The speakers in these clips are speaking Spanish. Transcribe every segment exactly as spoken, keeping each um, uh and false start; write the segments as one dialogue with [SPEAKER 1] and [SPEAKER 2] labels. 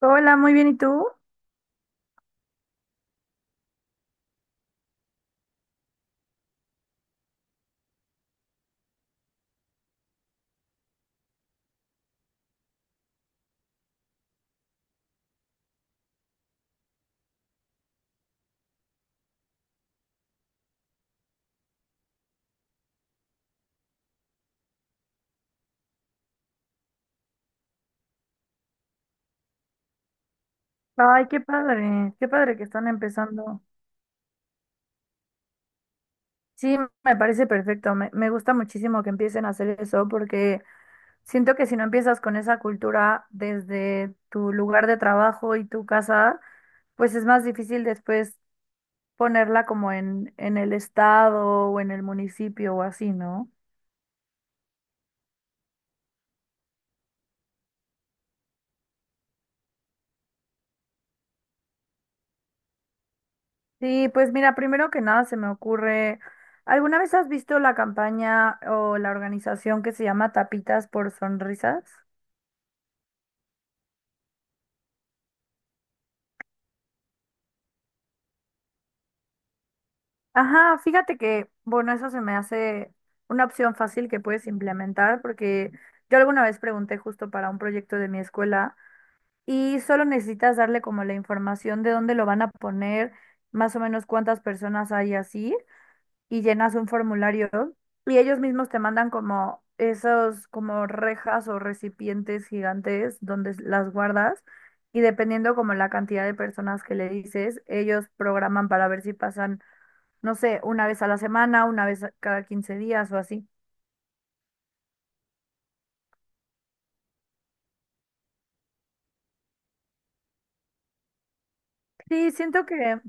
[SPEAKER 1] Hola, muy bien, ¿y tú? Ay, qué padre, qué padre que están empezando. Sí, me parece perfecto, me, me gusta muchísimo que empiecen a hacer eso porque siento que si no empiezas con esa cultura desde tu lugar de trabajo y tu casa, pues es más difícil después ponerla como en, en el estado o en el municipio o así, ¿no? Sí, pues mira, primero que nada se me ocurre, ¿alguna vez has visto la campaña o la organización que se llama Tapitas por Sonrisas? Ajá, fíjate que, bueno, eso se me hace una opción fácil que puedes implementar porque yo alguna vez pregunté justo para un proyecto de mi escuela y solo necesitas darle como la información de dónde lo van a poner, más o menos cuántas personas hay así, y llenas un formulario y ellos mismos te mandan como esos como rejas o recipientes gigantes donde las guardas, y dependiendo como la cantidad de personas que le dices, ellos programan para ver si pasan no sé, una vez a la semana, una vez a- cada quince días o así. Sí, siento que,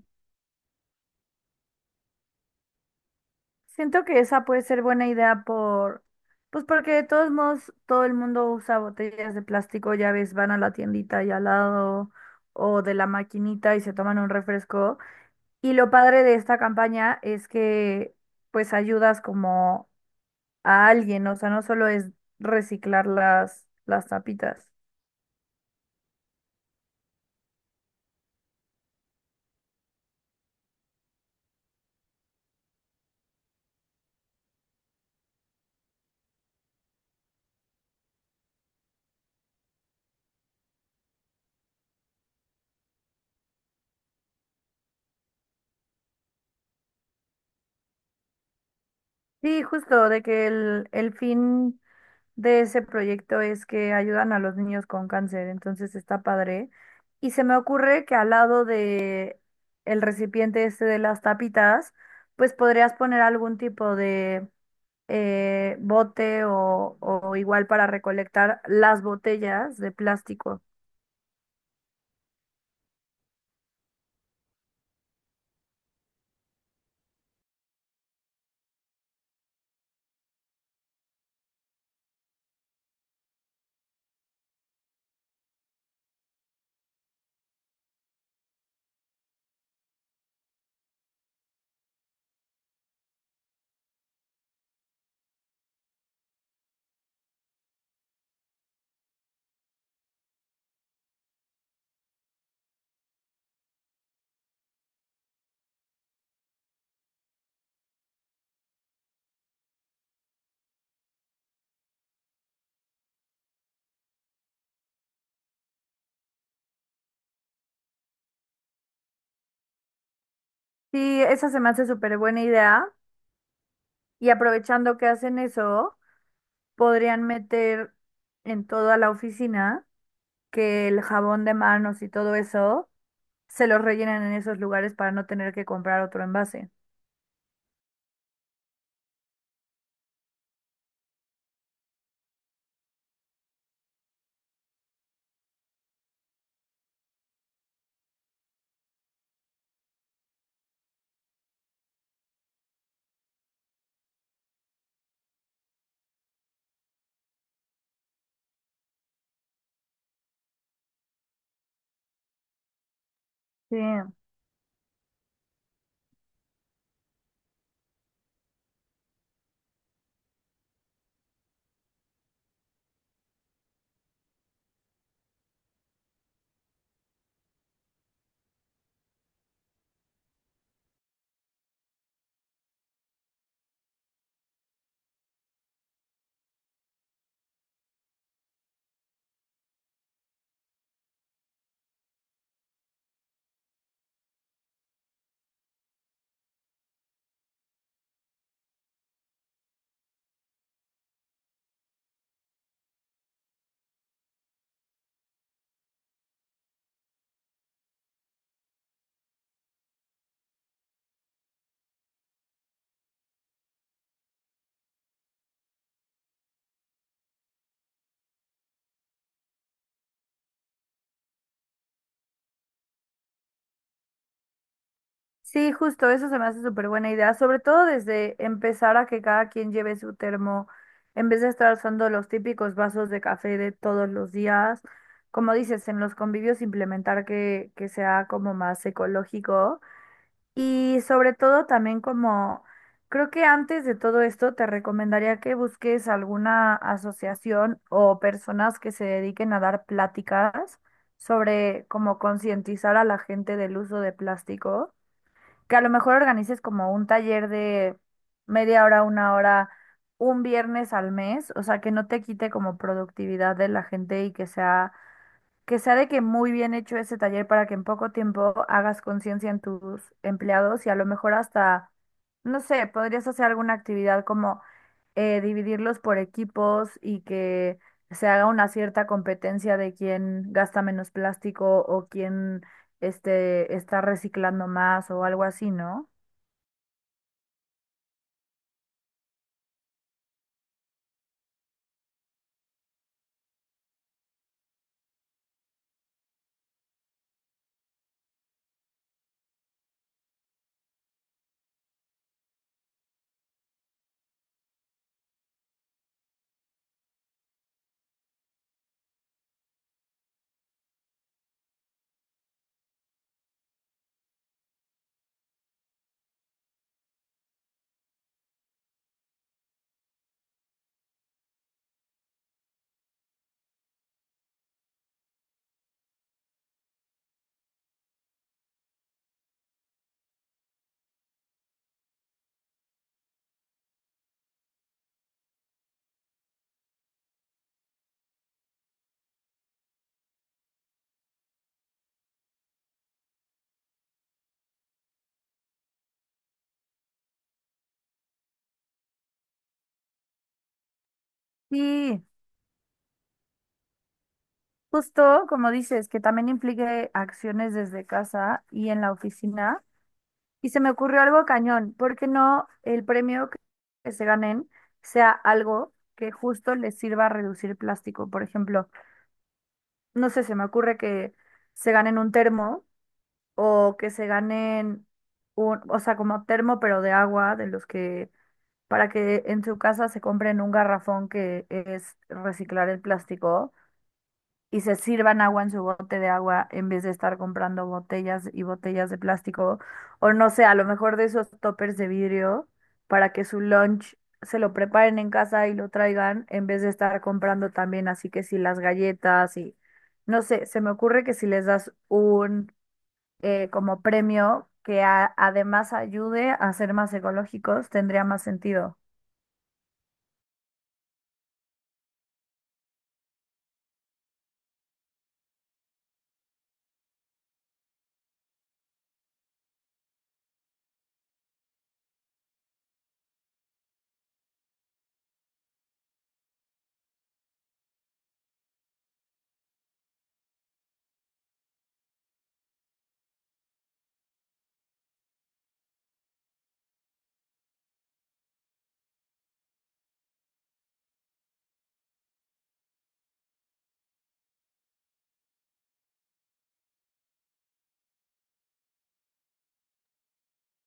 [SPEAKER 1] siento que esa puede ser buena idea por, pues porque de todos modos todo el mundo usa botellas de plástico, ya ves, van a la tiendita y al lado o de la maquinita y se toman un refresco. Y lo padre de esta campaña es que pues ayudas como a alguien, o sea, no solo es reciclar las, las tapitas. Sí, justo, de que el, el fin de ese proyecto es que ayudan a los niños con cáncer, entonces está padre. Y se me ocurre que al lado de el recipiente este de las tapitas, pues podrías poner algún tipo de eh, bote o, o igual para recolectar las botellas de plástico. Sí, esa se me hace súper buena idea. Y aprovechando que hacen eso, podrían meter en toda la oficina que el jabón de manos y todo eso se los rellenan en esos lugares para no tener que comprar otro envase. Sí. Sí, justo, eso se me hace súper buena idea, sobre todo desde empezar a que cada quien lleve su termo, en vez de estar usando los típicos vasos de café de todos los días, como dices, en los convivios implementar que, que sea como más ecológico. Y sobre todo también como, creo que antes de todo esto te recomendaría que busques alguna asociación o personas que se dediquen a dar pláticas sobre cómo concientizar a la gente del uso de plástico, que a lo mejor organices como un taller de media hora, una hora, un viernes al mes, o sea, que no te quite como productividad de la gente y que sea que sea de que muy bien hecho ese taller para que en poco tiempo hagas conciencia en tus empleados y a lo mejor hasta, no sé, podrías hacer alguna actividad como eh, dividirlos por equipos y que se haga una cierta competencia de quién gasta menos plástico o quién este, está reciclando más o algo así, ¿no? Sí, justo como dices, que también implique acciones desde casa y en la oficina. Y se me ocurrió algo cañón, ¿por qué no el premio que que se ganen sea algo que justo les sirva a reducir plástico? Por ejemplo, no sé, se me ocurre que se ganen un termo o que se ganen un, o sea, como termo pero de agua, de los que, para que en su casa se compren un garrafón que es reciclar el plástico y se sirvan agua en su bote de agua en vez de estar comprando botellas y botellas de plástico, o no sé, a lo mejor de esos toppers de vidrio para que su lunch se lo preparen en casa y lo traigan en vez de estar comprando también, así que si las galletas y no sé, se me ocurre que si les das un eh, como premio que a- además ayude a ser más ecológicos, tendría más sentido.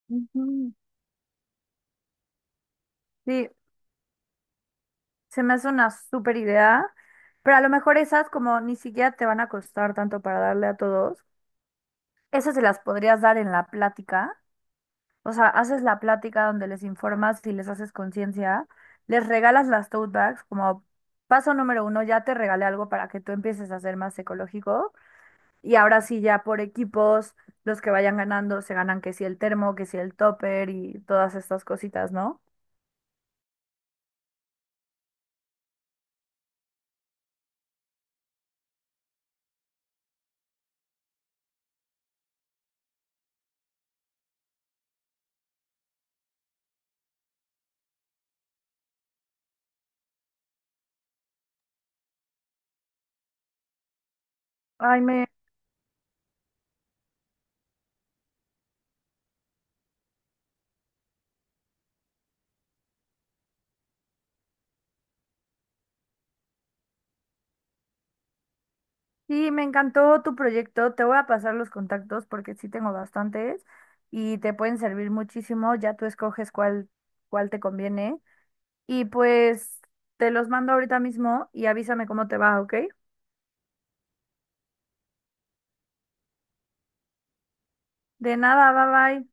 [SPEAKER 1] Ujú. Sí, se me hace una súper idea, pero a lo mejor esas como ni siquiera te van a costar tanto para darle a todos. Esas se las podrías dar en la plática. O sea, haces la plática donde les informas y les haces conciencia, les regalas las tote bags como paso número uno, ya te regalé algo para que tú empieces a ser más ecológico. Y ahora sí, ya por equipos, los que vayan ganando se ganan que si el termo, que si el topper y todas estas cositas, ¿no? Ay, me, Sí, me encantó tu proyecto. Te voy a pasar los contactos porque sí tengo bastantes y te pueden servir muchísimo. Ya tú escoges cuál, cuál te conviene. Y pues te los mando ahorita mismo y avísame cómo te va, ¿ok? De nada, bye bye.